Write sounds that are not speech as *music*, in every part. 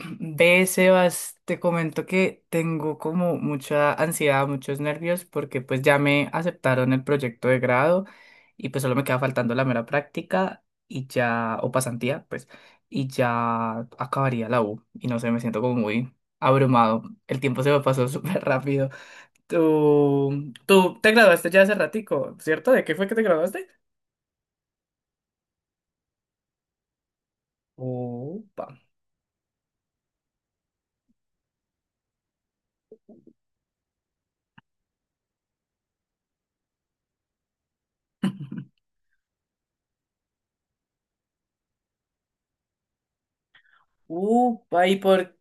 Ve, Sebas, te comento que tengo como mucha ansiedad, muchos nervios, porque pues ya me aceptaron el proyecto de grado y pues solo me queda faltando la mera práctica y ya, o pasantía, pues, y ya acabaría la U. Y no sé, me siento como muy abrumado. El tiempo se me pasó *laughs* súper rápido. Tú te graduaste ya hace ratico, ¿cierto? ¿De qué fue que te graduaste? Upa. *laughs* Upa,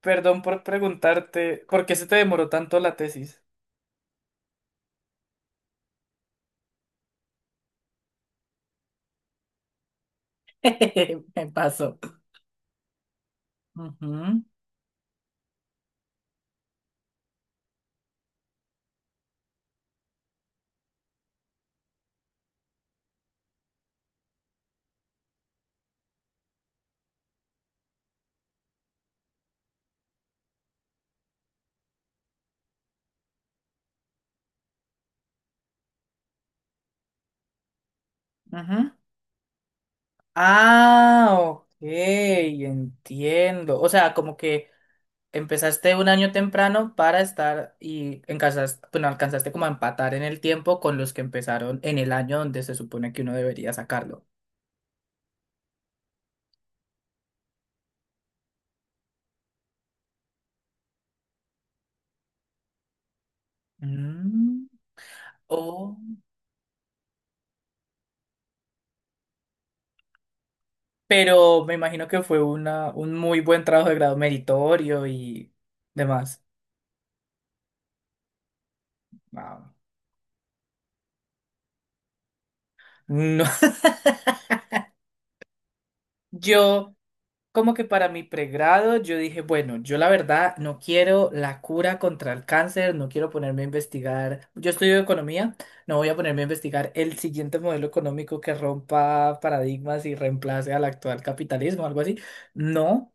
Perdón por preguntarte, ¿por qué se te demoró tanto la tesis? *laughs* Me pasó. Ujú, ujú. Ah, ok, entiendo. O sea, como que empezaste un año temprano para estar y alcanzaste, bueno, alcanzaste como a empatar en el tiempo con los que empezaron en el año donde se supone que uno debería sacarlo. Mm, oh, pero me imagino que fue un muy buen trabajo de grado meritorio y demás. Wow. No, yo, como que para mi pregrado, yo dije, bueno, yo la verdad no quiero la cura contra el cáncer, no quiero ponerme a investigar, yo estudio economía, no voy a ponerme a investigar el siguiente modelo económico que rompa paradigmas y reemplace al actual capitalismo, algo así. No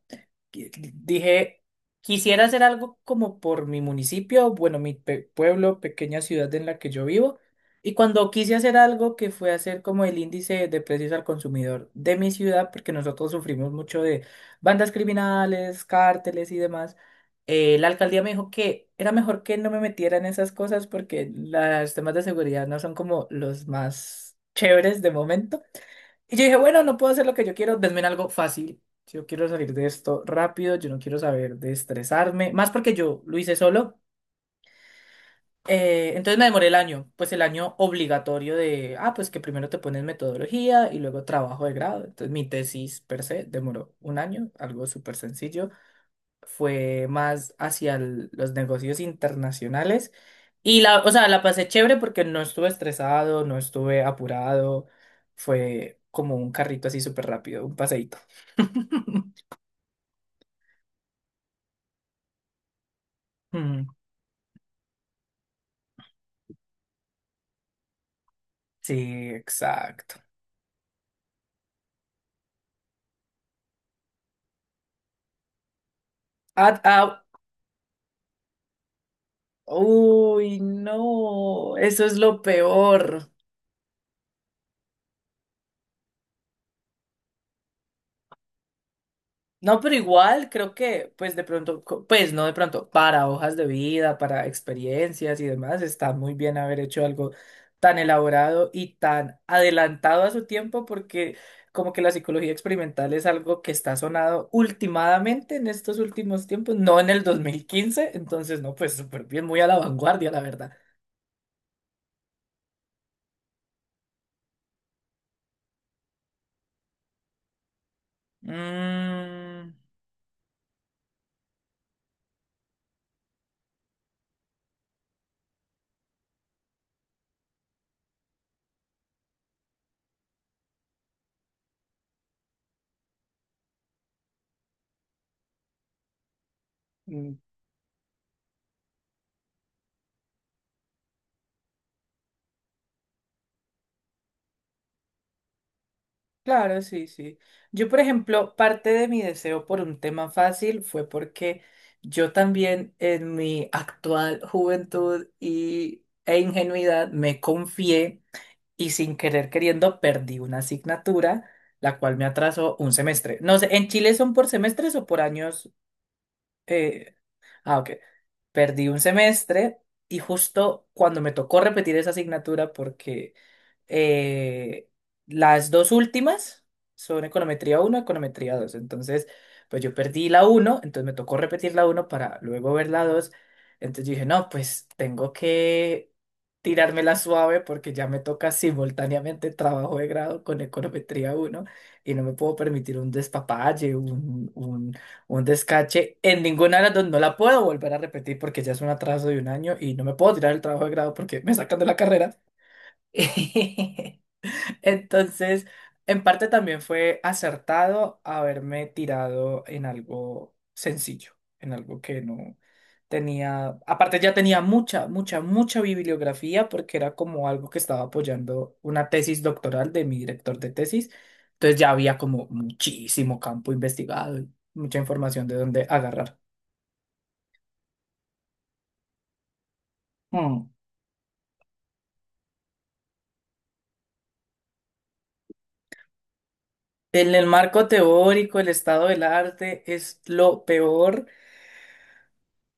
dije, quisiera hacer algo como por mi municipio, bueno, pueblo, pequeña ciudad en la que yo vivo. Y cuando quise hacer algo que fue hacer como el índice de precios al consumidor de mi ciudad, porque nosotros sufrimos mucho de bandas criminales, cárteles y demás, la alcaldía me dijo que era mejor que no me metiera en esas cosas porque los temas de seguridad no son como los más chéveres de momento. Y yo dije, bueno, no puedo hacer lo que yo quiero, denme algo fácil. Si yo quiero salir de esto rápido, yo no quiero saber de estresarme, más porque yo lo hice solo. Entonces me demoré el año, pues el año obligatorio de, pues que primero te pones metodología y luego trabajo de grado. Entonces mi tesis per se demoró un año, algo súper sencillo fue más hacia los negocios internacionales. O sea, la pasé chévere porque no estuve estresado, no estuve apurado. Fue como un carrito así súper rápido, un paseíto. *laughs* Mm, sí, exacto. Ah, ah, uy, no, eso es lo peor. No, pero igual creo que, pues de pronto, pues no de pronto, para hojas de vida, para experiencias y demás, está muy bien haber hecho algo tan elaborado y tan adelantado a su tiempo, porque como que la psicología experimental es algo que está sonado ultimadamente en estos últimos tiempos, no en el 2015, entonces no, pues súper bien, muy a la vanguardia, la verdad. Mm, claro, sí, sí. Yo, por ejemplo, parte de mi deseo por un tema fácil fue porque yo también en mi actual juventud e ingenuidad me confié y sin querer queriendo perdí una asignatura, la cual me atrasó un semestre. No sé, ¿en Chile son por semestres o por años? Eh, ah, ok. Perdí un semestre y justo cuando me tocó repetir esa asignatura porque eh, las dos últimas son econometría uno econometría dos. Entonces, pues yo perdí la uno, entonces me tocó repetir la uno para luego ver la dos. Entonces yo dije, no, pues tengo que tirármela suave porque ya me toca simultáneamente trabajo de grado con econometría uno y no me puedo permitir un despapalle, un descache. En ninguna de las dos no la puedo volver a repetir porque ya es un atraso de un año y no me puedo tirar el trabajo de grado porque me sacan de la carrera. *laughs* Entonces, en parte también fue acertado haberme tirado en algo sencillo, en algo que no tenía, aparte ya tenía mucha bibliografía porque era como algo que estaba apoyando una tesis doctoral de mi director de tesis, entonces ya había como muchísimo campo investigado y mucha información de dónde agarrar. Mm. En el marco teórico, el estado del arte es lo peor.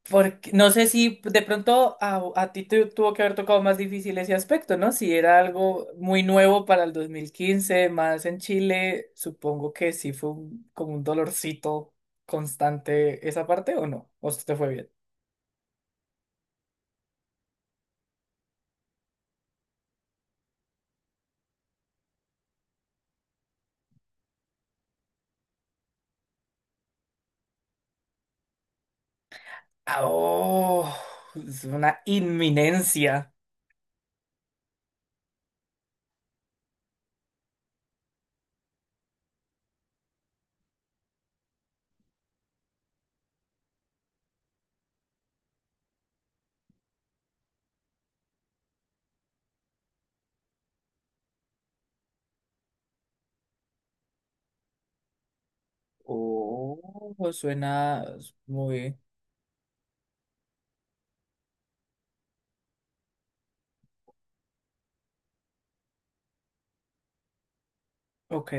Porque, no sé si de pronto a ti te tuvo que haber tocado más difícil ese aspecto, ¿no? Si era algo muy nuevo para el 2015, más en Chile, supongo que sí fue como un dolorcito constante esa parte, ¿o no? ¿O se te fue bien? Ah, ¡oh! Es una inminencia. Oh, suena muy... Ok.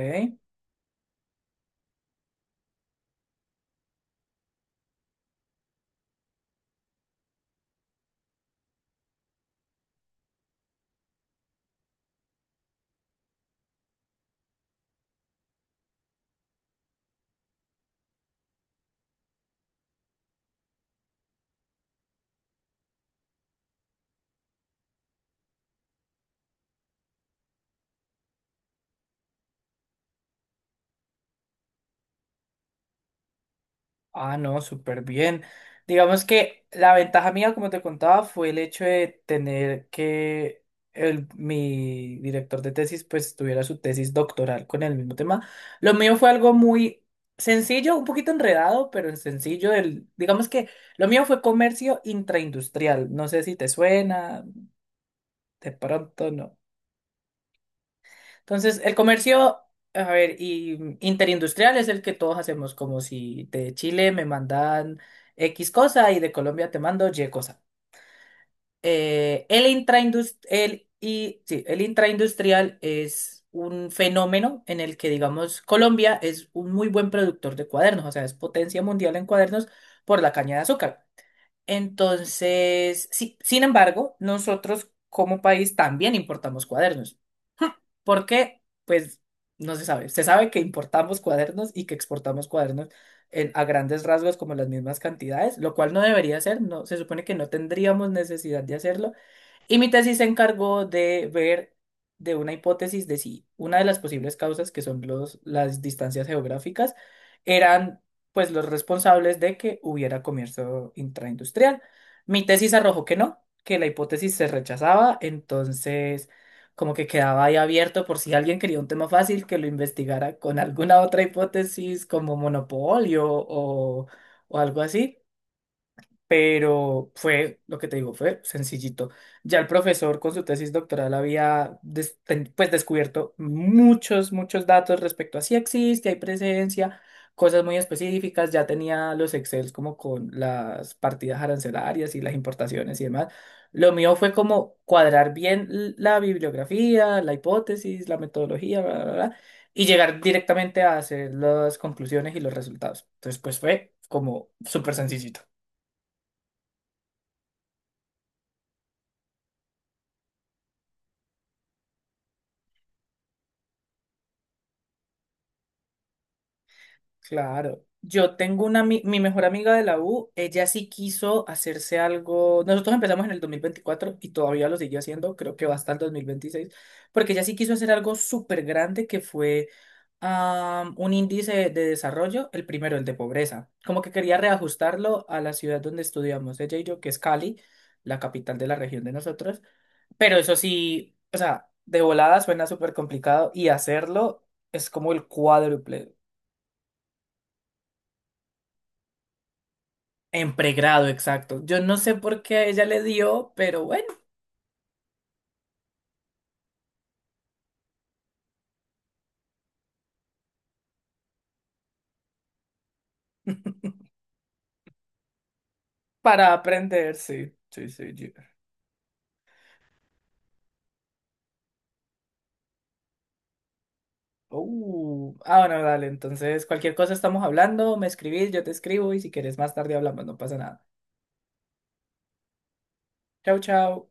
Ah, no, súper bien. Digamos que la ventaja mía, como te contaba, fue el hecho de tener que mi director de tesis pues tuviera su tesis doctoral con el mismo tema. Lo mío fue algo muy sencillo, un poquito enredado, pero sencillo. Digamos que lo mío fue comercio intraindustrial. No sé si te suena, de pronto no. Entonces, el comercio, a ver, y interindustrial es el que todos hacemos, como si de Chile me mandan X cosa y de Colombia te mando Y cosa. El intraindus- el, y, sí, el intraindustrial es un fenómeno en el que, digamos, Colombia es un muy buen productor de cuadernos, o sea, es potencia mundial en cuadernos por la caña de azúcar. Entonces, sí, sin embargo, nosotros como país también importamos cuadernos. Porque, pues, no se sabe. Se sabe que importamos cuadernos y que exportamos cuadernos a grandes rasgos como las mismas cantidades, lo cual no debería ser. No, se supone que no tendríamos necesidad de hacerlo y mi tesis se encargó de ver de una hipótesis de si una de las posibles causas, que son las distancias geográficas, eran pues los responsables de que hubiera comercio intraindustrial. Mi tesis arrojó que no, que la hipótesis se rechazaba, entonces como que quedaba ahí abierto por si alguien quería un tema fácil que lo investigara con alguna otra hipótesis como monopolio o algo así, pero fue, lo que te digo, fue sencillito. Ya el profesor con su tesis doctoral había pues descubierto muchos datos respecto a si existe, hay presencia, cosas muy específicas, ya tenía los Excels como con las partidas arancelarias y las importaciones y demás. Lo mío fue como cuadrar bien la bibliografía, la hipótesis, la metodología, bla, bla, bla, y llegar directamente a hacer las conclusiones y los resultados. Entonces, pues fue como súper sencillito. Claro. Yo tengo una, mi mejor amiga de la U, ella sí quiso hacerse algo. Nosotros empezamos en el 2024 y todavía lo sigue haciendo, creo que va hasta el 2026, porque ella sí quiso hacer algo súper grande que fue un índice de desarrollo, el primero, el de pobreza. Como que quería reajustarlo a la ciudad donde estudiamos ella y yo, que es Cali, la capital de la región de nosotros. Pero eso sí, o sea, de volada suena súper complicado y hacerlo es como el cuádruple. En pregrado, exacto. Yo no sé por qué ella le dio, pero bueno, para aprender, sí. Sí, sí, sí. Ah, bueno, dale. Entonces, cualquier cosa estamos hablando, me escribís, yo te escribo y si quieres más tarde hablamos, no pasa nada. Chau, chau.